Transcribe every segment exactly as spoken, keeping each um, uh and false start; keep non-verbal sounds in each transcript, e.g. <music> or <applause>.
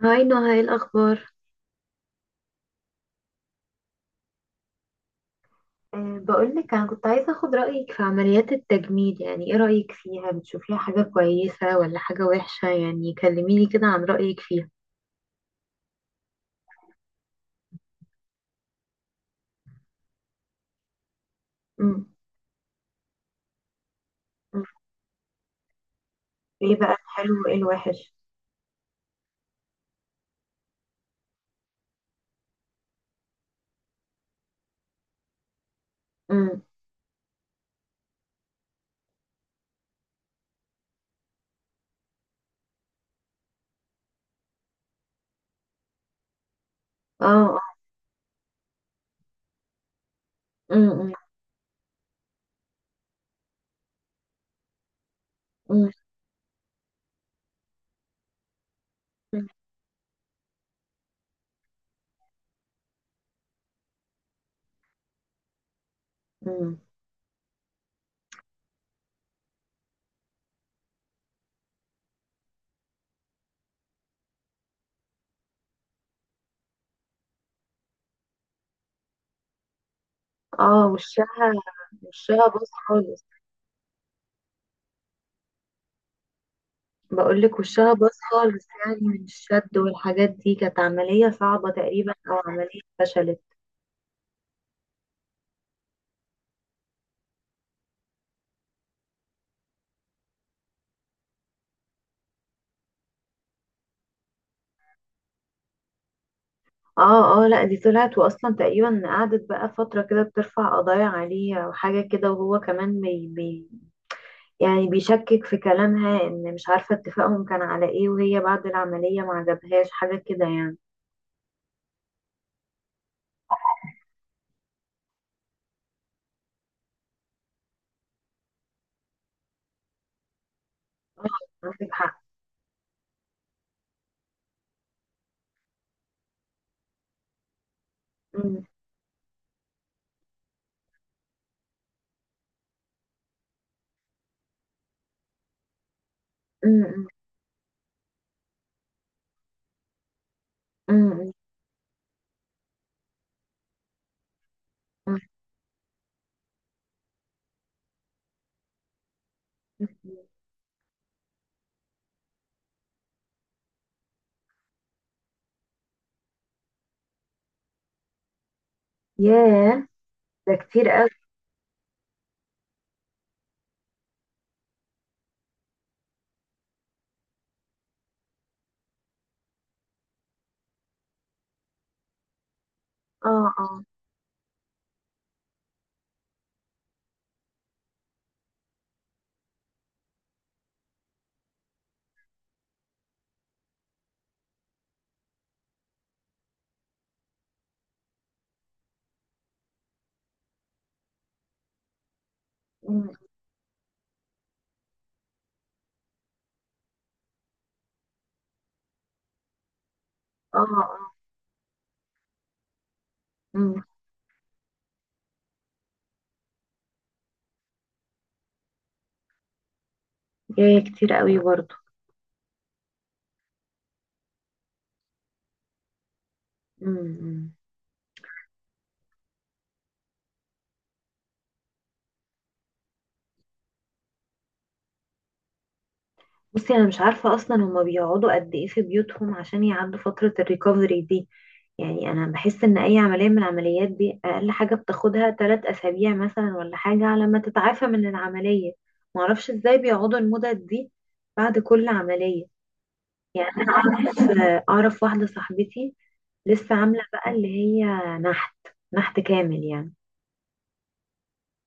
هاي نهى، ايه الأخبار؟ أه بقولك أنا كنت عايزة أخد رأيك في عمليات التجميل. يعني ايه رأيك فيها؟ بتشوفيها حاجة كويسة ولا حاجة وحشة؟ يعني كلميني كده عن رأيك فيها. امم مم. ايه بقى الحلو وايه الوحش؟ امم اه امم امم اه، وشها. وشها باظ خالص. بقولك وشها باظ خالص، يعني من الشد والحاجات دي. كانت عملية صعبة تقريبا أو عملية فشلت. اه اه، لا دي طلعت، واصلا تقريبا قعدت بقى فترة كده بترفع قضايا عليه او حاجة كده، وهو كمان بي بي يعني بيشكك في كلامها. ان مش عارفة اتفاقهم كان على ايه، وهي بعد العملية ما عجبهاش حاجة كده يعني. اه، عندك حق. أمم، أمم، أمم، أمم، أمم. ياه، ده كتير قوي. اه اه. أمم، اه اه. أمم. ياه، كتير قوي برضه. أمم. إمم. بصي انا مش عارفه اصلا هما بيقعدوا قد ايه في بيوتهم عشان يعدوا فتره الريكفري دي. يعني انا بحس ان اي عمليه من العمليات دي اقل حاجه بتاخدها ثلاث اسابيع مثلا ولا حاجه على ما تتعافى من العمليه. معرفش ازاي بيقعدوا المدد دي بعد كل عمليه. يعني انا اعرف <laughs> اعرف واحده صاحبتي لسه عامله بقى اللي هي نحت. نحت كامل يعني.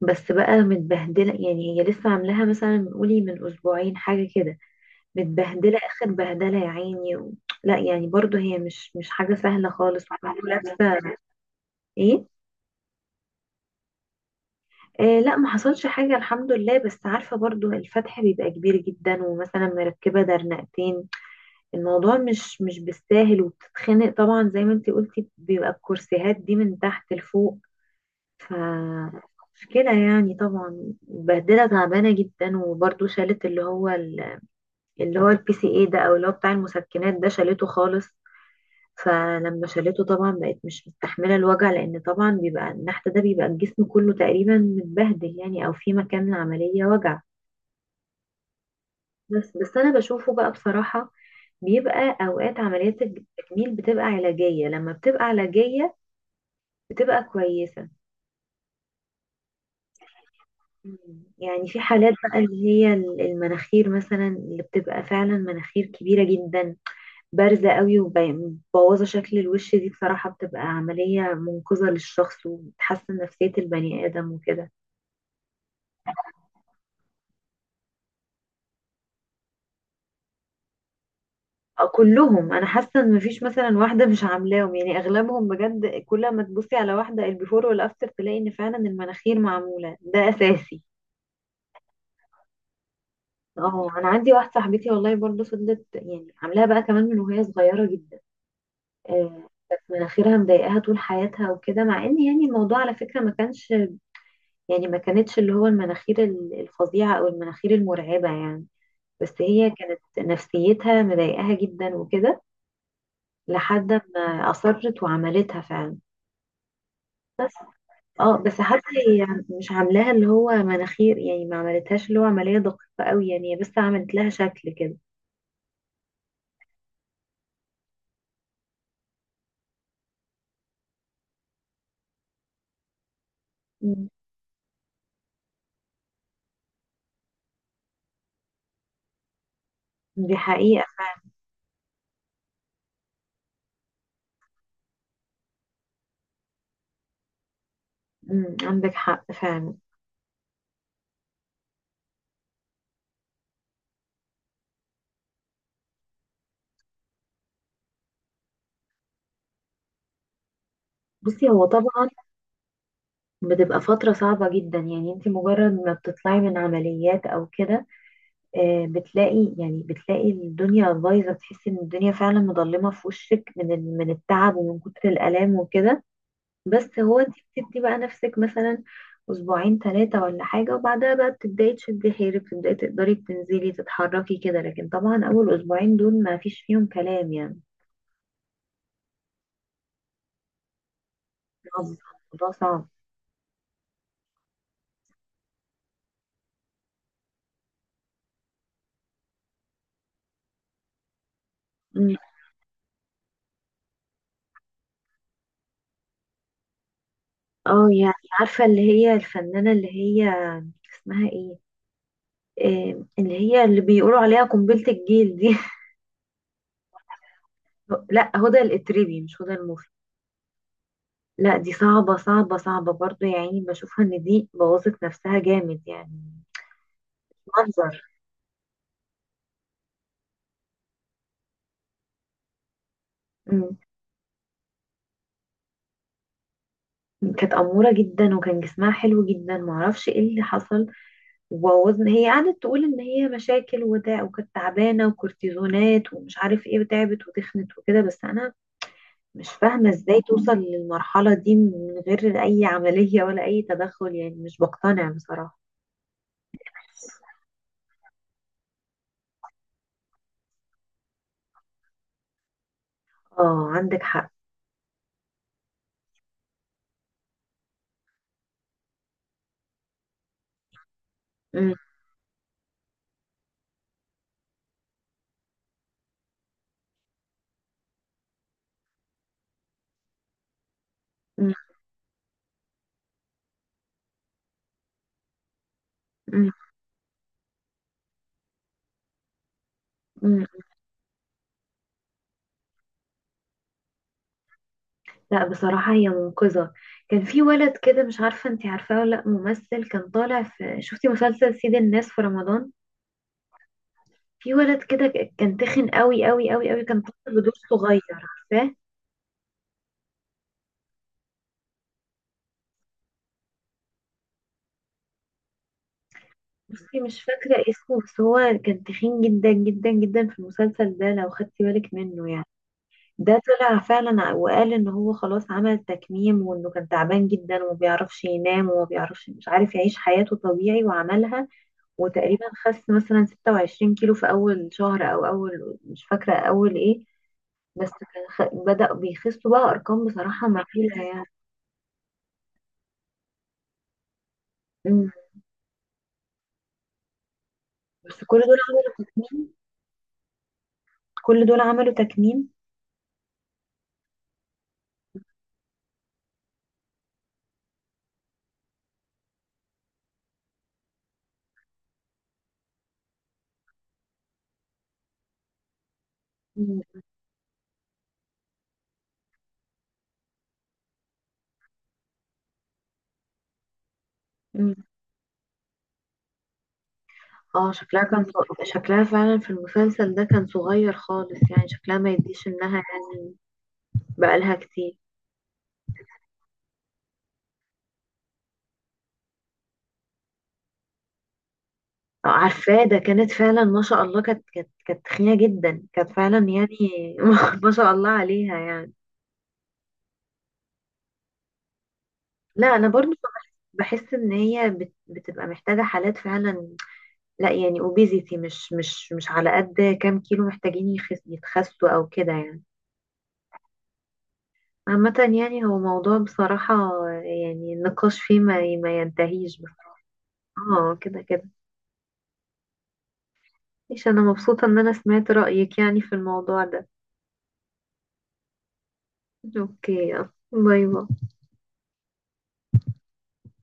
بس بقى متبهدله، يعني هي لسه عاملاها مثلا قولي من اسبوعين حاجه كده. متبهدله اخر بهدله يا عيني و... لا يعني برضو هي مش مش حاجه سهله خالص <laughs> ولابسه. ايه؟ آه لا، ما حصلش حاجة الحمد لله. بس عارفة برضو الفتح بيبقى كبير جدا، ومثلا مركبة درنقتين. الموضوع مش مش بالساهل، وبتتخنق طبعا زي ما انتي قلتي. بيبقى الكرسيهات دي من تحت لفوق. ف مشكلة يعني. طبعا بهدلة تعبانة جدا. وبرضو شالت اللي هو ال- اللي هو البي سي اي ده، او اللي هو بتاع المسكنات ده، شالته خالص. فلما شالته طبعا بقت مش مستحملة الوجع، لأن طبعا بيبقى النحت ده، بيبقى الجسم كله تقريبا متبهدل يعني، أو في مكان العملية وجع. بس بس أنا بشوفه بقى بصراحة، بيبقى أوقات عمليات التجميل بتبقى علاجية. لما بتبقى علاجية بتبقى كويسة. مم. يعني في حالات بقى اللي هي المناخير مثلا، اللي بتبقى فعلا مناخير كبيرة جدا، بارزة قوي، ومبوظة شكل الوش، دي بصراحة بتبقى عملية منقذة للشخص، وبتحسن نفسية البني آدم وكده. آه، كلهم. أنا حاسة إن مفيش مثلا واحدة مش عاملاهم، يعني أغلبهم بجد. كل ما تبصي على واحدة البيفور والأفتر تلاقي إن فعلا المناخير معمولة. ده أساسي. اه، انا عندي واحده صاحبتي والله برضه فضلت، يعني عاملاها بقى كمان من وهي صغيره جدا. آه، كانت مناخيرها مضايقاها طول حياتها وكده. مع ان يعني الموضوع على فكره ما كانش، يعني ما كانتش اللي هو المناخير ال- الفظيعة أو المناخير المرعبة يعني. بس هي كانت نفسيتها مضايقاها جدا وكده، لحد ما أصرت وعملتها فعلا. بس اه، بس حتى هي مش عاملاها اللي هو مناخير، يعني ما عملتهاش اللي هو عملية دقيقة قوي. يعني هي بس عملت لها شكل كده. مم. دي حقيقة فعلا. مم، عندك حق فعلا. بصي هو طبعا بتبقى فترة صعبة جدا. يعني انت مجرد ما بتطلعي من عمليات او كده، آه، بتلاقي، يعني بتلاقي الدنيا بايظه. تحس ان الدنيا فعلا مظلمه في وشك، من ال- من التعب ومن كتر الالام وكده. بس هو انت بتدي بقى نفسك مثلا اسبوعين ثلاثه ولا حاجه، وبعدها بقى بتبداي تشدي حيلك، بتبداي تقدري تنزلي تتحركي كده. لكن طبعا اول اسبوعين دول ما فيش فيهم كلام يعني. صعب، الموضوع صعب. مم. اه يعني، عارفه اللي هي الفنانه اللي هي اسمها ايه؟ آه، اللي هي اللي بيقولوا عليها قنبله الجيل دي <laughs> لا، هدى الاتربي، مش هدى المفتي. لا دي صعبة صعبة صعبة برضو يا عيني، بشوفها ان دي بوظت نفسها جامد يعني. منظر. مم. كانت أمورة جدا، وكان جسمها حلو جدا. معرفش ايه اللي حصل وبوظنا. هي قعدت تقول ان هي مشاكل وده، وكانت تعبانة، وكورتيزونات ومش عارف ايه، وتعبت وتخنت وكده. بس انا مش فاهمة ازاي توصل للمرحلة دي من غير اي عملية ولا اي تدخل يعني. مش بقتنع بصراحة. اه، عندك حق. مم. مم. مم. لا بصراحة هي منقذة. كان في ولد كده، مش عارفة انتي عارفاه ولا لأ، ممثل كان طالع في، شفتي مسلسل سيد الناس في رمضان؟ في ولد كده ك- كان تخن قوي قوي قوي قوي. كان طالع بدور صغير. عارفاه؟ بصي مش فاكرة اسمه، بس هو كان تخين جدا جدا جدا في المسلسل ده لو خدتي بالك منه يعني. ده طلع فعلا ع- وقال ان هو خلاص عمل تكميم، وانه كان تعبان جدا وما بيعرفش ينام، وما بيعرفش مش عارف يعيش حياته طبيعي، وعملها. وتقريبا خس مثلا ستة وعشرين كيلو في اول شهر، او اول مش فاكره اول ايه. بس كان خ... بدأ بيخسوا بقى ارقام بصراحه مخيفه يعني. مم. بس كل دول عملوا تكميم. كل دول عملوا تكميم. مم. مم. اه شكلها كان ص- شكلها فعلا في المسلسل ده كان صغير خالص يعني. شكلها ما يديش انها، يعني بقالها كتير. آه، عارفاه ده. كانت فعلا ما شاء الله، كانت كانت كانت تخينة جدا، كانت فعلا يعني <laughs> ما شاء الله عليها يعني. لا انا برضو بحس، بحس ان هي بت- بتبقى محتاجه حالات فعلا. لا يعني اوبيزيتي، مش مش مش على قد كام كيلو محتاجين يخس يتخسوا او كده يعني. عامة يعني، هو موضوع بصراحة، يعني النقاش فيه ما ما ينتهيش. بس اه كده كده. مش، انا مبسوطة ان انا سمعت رأيك يعني في الموضوع ده. اوكي يلا. باي باي.